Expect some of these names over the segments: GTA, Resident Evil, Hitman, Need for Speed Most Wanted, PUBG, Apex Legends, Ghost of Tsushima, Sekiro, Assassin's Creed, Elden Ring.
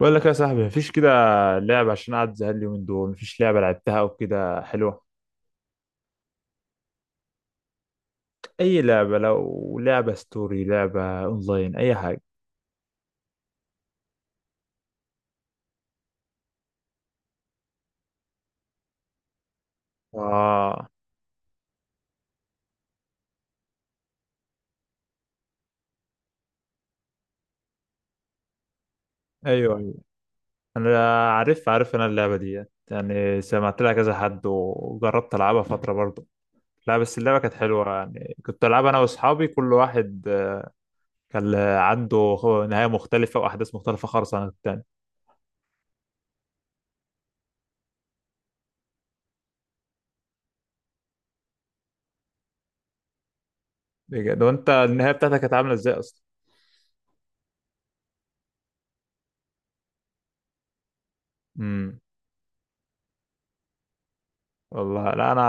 بقول لك يا صاحبي، مفيش كده لعبة. عشان قاعد زهقان اليومين دول، مفيش لعبة لعبتها أو كده حلوة. أي لعبة، لو لعبة ستوري، لعبة أونلاين، أي حاجة. آه، أيوه، أيوه، أنا عارف، عارف أنا اللعبة دي، يعني سمعت لها كذا حد وجربت ألعبها فترة برضه. لا، بس اللعبة كانت حلوة، يعني كنت ألعبها أنا وأصحابي. كل واحد كان عنده نهاية مختلفة وأحداث مختلفة خالص عن التاني. بجد؟ وأنت النهاية بتاعتك كانت عاملة إزاي؟ أصلا؟ والله، لا انا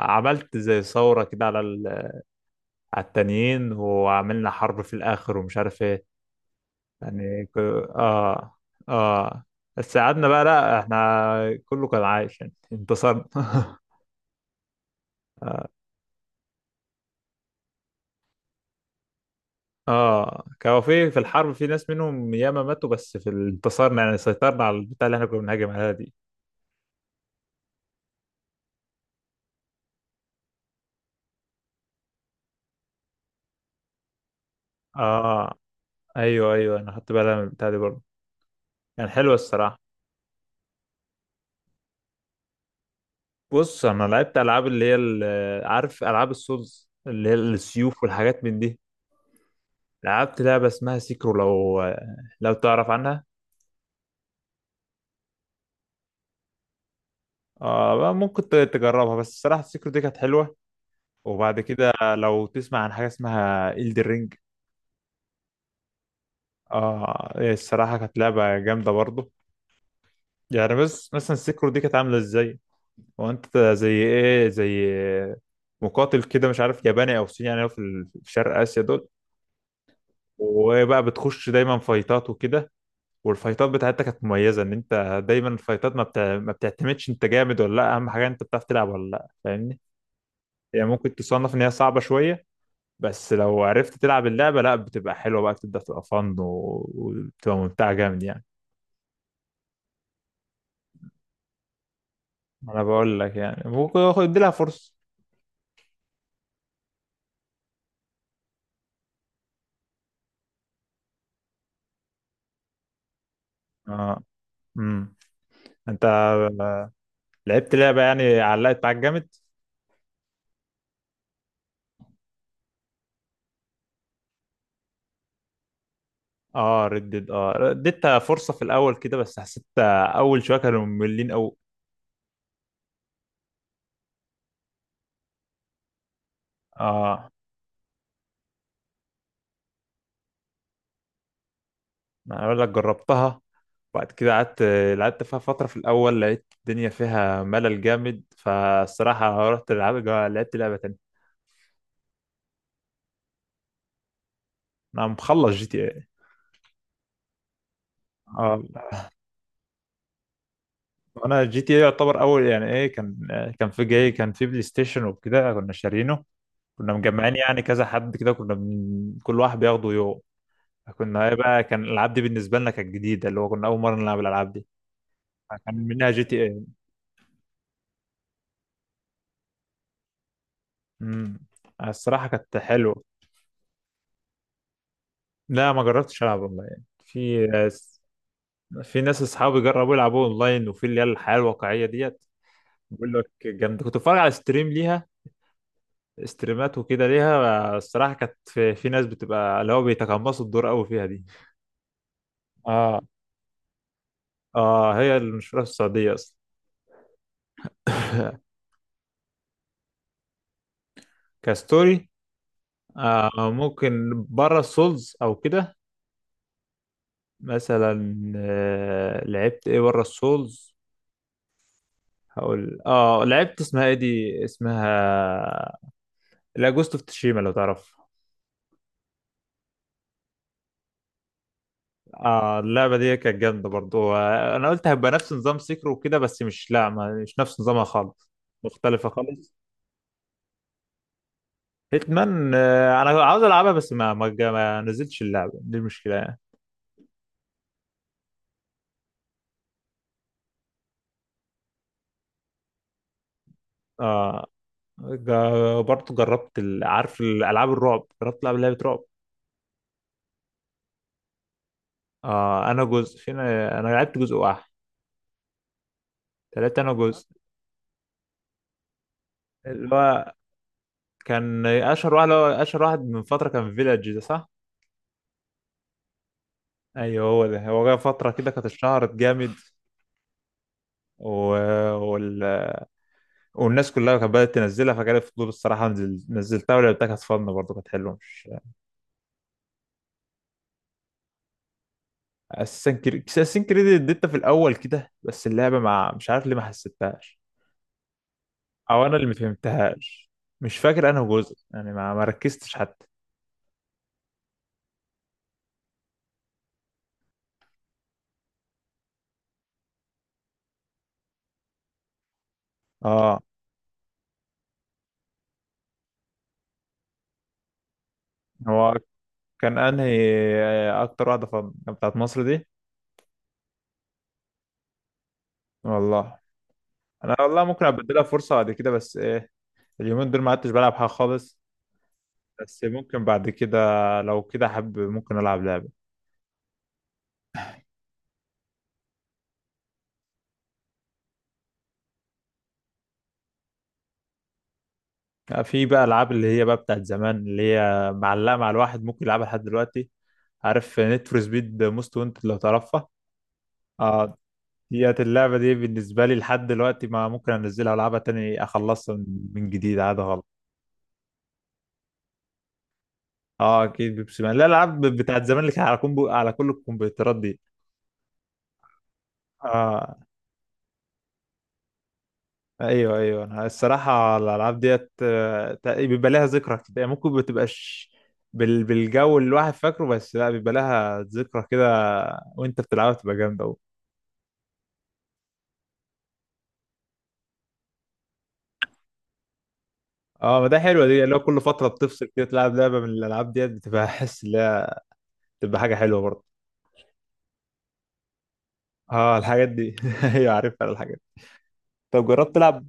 عملت زي ثوره كده على على التانيين، وعملنا حرب في الاخر ومش عارف ايه، يعني ك... اه اه. بس قعدنا بقى، لا احنا كله كان عايش، يعني انتصرنا اه، كانوا في الحرب، في ناس منهم ياما ماتوا، بس انتصرنا، يعني سيطرنا على البتاع اللي احنا كنا بنهاجم عليها دي. اه، ايوه، ايوه، انا خدت بالي من البتاع دي برضه، يعني حلوه الصراحه. بص، انا لعبت العاب اللي هي عارف العاب السولز اللي هي السيوف والحاجات من دي. لعبت لعبة اسمها سيكرو، لو تعرف عنها. آه، بقى ممكن تجربها، بس الصراحة سيكرو دي كانت حلوة. وبعد كده، لو تسمع عن حاجة اسمها إلدر رينج. آه، الصراحة كانت لعبة جامدة برضو يعني. بس مثلا سيكرو دي كانت عاملة ازاي؟ هو انت زي ايه، زي مقاتل كده، مش عارف ياباني او صيني، يعني هو في شرق اسيا دول. وبقى بتخش دايما فايتات وكده. والفايتات بتاعتها كانت مميزه، ان انت دايما الفايتات ما بتعتمدش انت جامد ولا لا، اهم حاجه انت بتعرف تلعب ولا لا، فاهمني؟ هي يعني ممكن تصنف ان هي صعبه شويه، بس لو عرفت تلعب اللعبه، لا بتبقى حلوه بقى، بتبدا تبقى فن وبتبقى ممتعه جامد يعني. انا بقول لك يعني ممكن ادي لها فرصه. اه، امم انت لعبت لعبه يعني علقت معاك جامد؟ اه ردت، اديتها فرصه في الاول كده، بس حسيت اول شويه كانوا مملين قوي. اه، انا اقول لك جربتها، وبعد كده قعدت لعبت فيها فتره، في الاول لقيت الدنيا فيها ملل جامد، فالصراحه رحت لعبت، لعبه تانية. انا مخلص جي تي اي. اه، انا جي تي اي يعتبر اول، يعني ايه، كان في جاي، كان في بلاي ستيشن وكده، كنا شارينه. كنا مجمعين، يعني كذا حد كده، كنا من كل واحد بياخده يوم. كنا ايه بقى، كان الالعاب دي بالنسبه لنا كانت جديده، اللي هو كنا اول مره نلعب الالعاب دي. كان منها جي تي اي. امم الصراحه كانت حلوه. لا، ما جربتش العب اونلاين. في ناس اصحابي جربوا يلعبوا اونلاين، وفي اللي هي الحياه الواقعيه ديت. بقول لك جامده. كنت بتفرج على ستريم ليها، ستريمات وكده ليها، الصراحه كانت في ناس بتبقى، اللي هو بيتقمصوا الدور قوي فيها دي. اه، اه، هي المشهوره في السعوديه اصلا كستوري، آه، ممكن بره السولز او كده. مثلا لعبت ايه بره السولز؟ هقول لعبت اسمها ايه دي، اسمها، لا، جوست اوف تشيما، لو تعرف. اه، اللعبه دي كانت جامده برضو. انا قلت هيبقى نفس نظام سيكرو وكده، بس مش، لا، ما مش نفس نظامها خالص. مختلفه خالص. هيتمان، انا عاوز العبها، بس ما نزلتش اللعبه دي المشكله يعني. اه، برضو جربت عارف الالعاب الرعب، جربت العب لعبه رعب. اه، انا جزء فينا، انا لعبت جزء واحد، تلاتة. انا جزء اللي هو كان اشهر واحد، اللي هو اشهر واحد من فتره، كان فيلاج ده، صح؟ ايوه، هو ده. هو جه فتره كده كانت اشتهرت جامد. و... وال... والناس كلها كانت بدأت تنزلها، فجالي فضول الصراحة، نزلتها ولعبتها، كانت فن برضه، كانت حلوة مش. أساسن كريد، أساسن كريد اديتها في الأول كده، بس اللعبة مع، مش عارف ليه ما حسيتهاش، أو أنا اللي ما فهمتهاش. مش فاكر أنا جزء يعني، ما ركزتش حتى. اه، هو كان أنهي أكتر واحدة فن، بتاعت مصر دي؟ والله، أنا والله ممكن أبدلها فرصة بعد كده، بس إيه، اليومين دول ما عدتش بلعب حاجة خالص. بس ممكن بعد كده، لو كده حب ممكن ألعب لعبة. لا، في بقى العاب اللي هي بقى بتاعت زمان، اللي هي معلقه مع الواحد، ممكن يلعبها لحد دلوقتي. عارف نيد فور سبيد موست وانتد، لو تعرفها؟ اه، ديت اللعبه دي بالنسبه لي لحد دلوقتي ما ممكن انزلها والعبها تاني، اخلصها من جديد عادي خالص. اه، اكيد بيبسي مان، لا، الالعاب بتاعت زمان اللي كانت على كومبو، على كل الكمبيوترات دي. اه، ايوه، ايوه، انا الصراحه الالعاب ديت، بيبقى لها ذكرى كده يعني. ممكن ما تبقاش بالجو اللي الواحد فاكره، بس لا بيبقى لها ذكرى كده، وانت بتلعبها بتبقى جامده قوي. اه، ما ده حلوه دي، اللي هو كل فتره بتفصل كده تلعب لعبه من الالعاب ديت، بتبقى حس ان هي بتبقى حاجه حلوه برضه. اه، الحاجات دي ايوه عارفها الحاجات دي. طب جربت تلعب،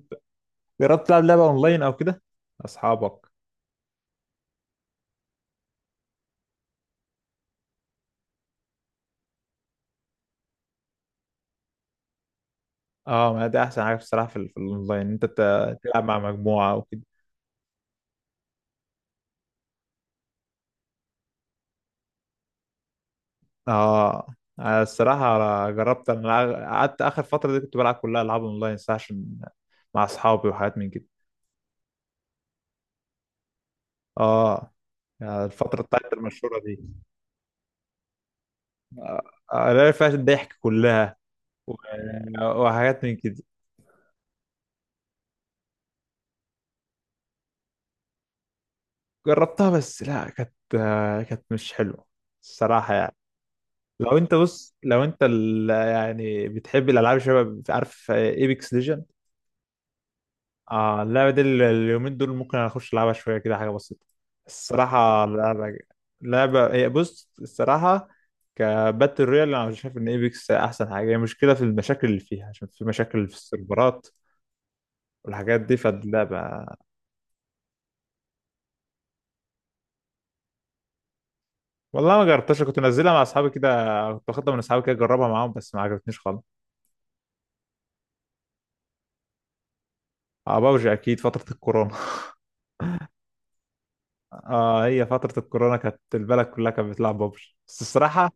لعبه اونلاين او كده اصحابك؟ اه، ما ده احسن حاجه بصراحه، في الاونلاين انت تلعب مع مجموعه وكده. اه، أنا الصراحة جربت. انا قعدت اخر فترة دي كنت بلعب كلها العاب اونلاين صح، عشان مع اصحابي وحاجات من كده. اه، يعني الفترة بتاعت المشهورة دي، آه، اللي فيها الضحك كلها، و- وحاجات من كده. جربتها، بس لا كانت، كانت مش حلوة الصراحة يعني. لو انت، بص، لو انت يعني بتحب الالعاب شباب، عارف ايبكس ليجن؟ اه، اللعبة دي اليومين دول ممكن اخش العبها شوية كده، حاجة بسيطة. الصراحة لعبة، هي، بص الصراحة، كباتل رويال انا مش شايف ان ايبكس احسن حاجة، هي مشكلة في المشاكل اللي فيها عشان في مشاكل في السيرفرات والحاجات دي فاللعبة. والله ما جربتهاش، كنت منزلها مع اصحابي كده، كنت واخدها من اصحابي كده اجربها معاهم، بس ما عجبتنيش خالص. اه بابجي، اكيد فترة الكورونا اه، هي فترة الكورونا كانت البلد كلها كانت بتلعب بابجي، بس الصراحة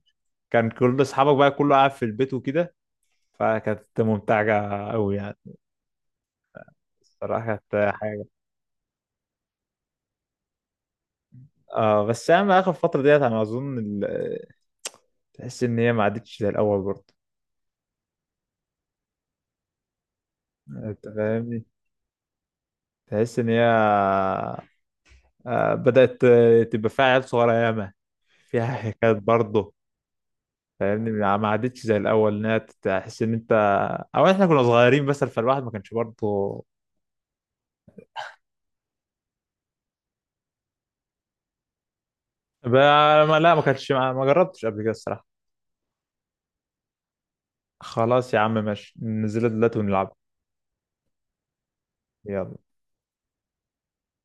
كان كل اصحابك بقى كله قاعد في البيت وكده، فكانت ممتعة أوي يعني. الصراحة كانت حاجة. اه، بس أهم آخر فترة ديت، أنا أظن تحس إن هي ما عادتش زي الأول برضه. أنت فاهمني، تحس إن هي بدأت تبقى فيها عيال صغيرة ياما، فيها حكايات برضه. فاهمني؟ ما عادتش زي الأول، إنها تحس إن أنت أو إحنا كنا صغيرين، بس فالواحد ما كانش برضه. بقى- لا ما كانش، ما جربتش قبل كده الصراحة. خلاص يا عم، ماشي، ننزلها دلوقتي ونلعب. يلا.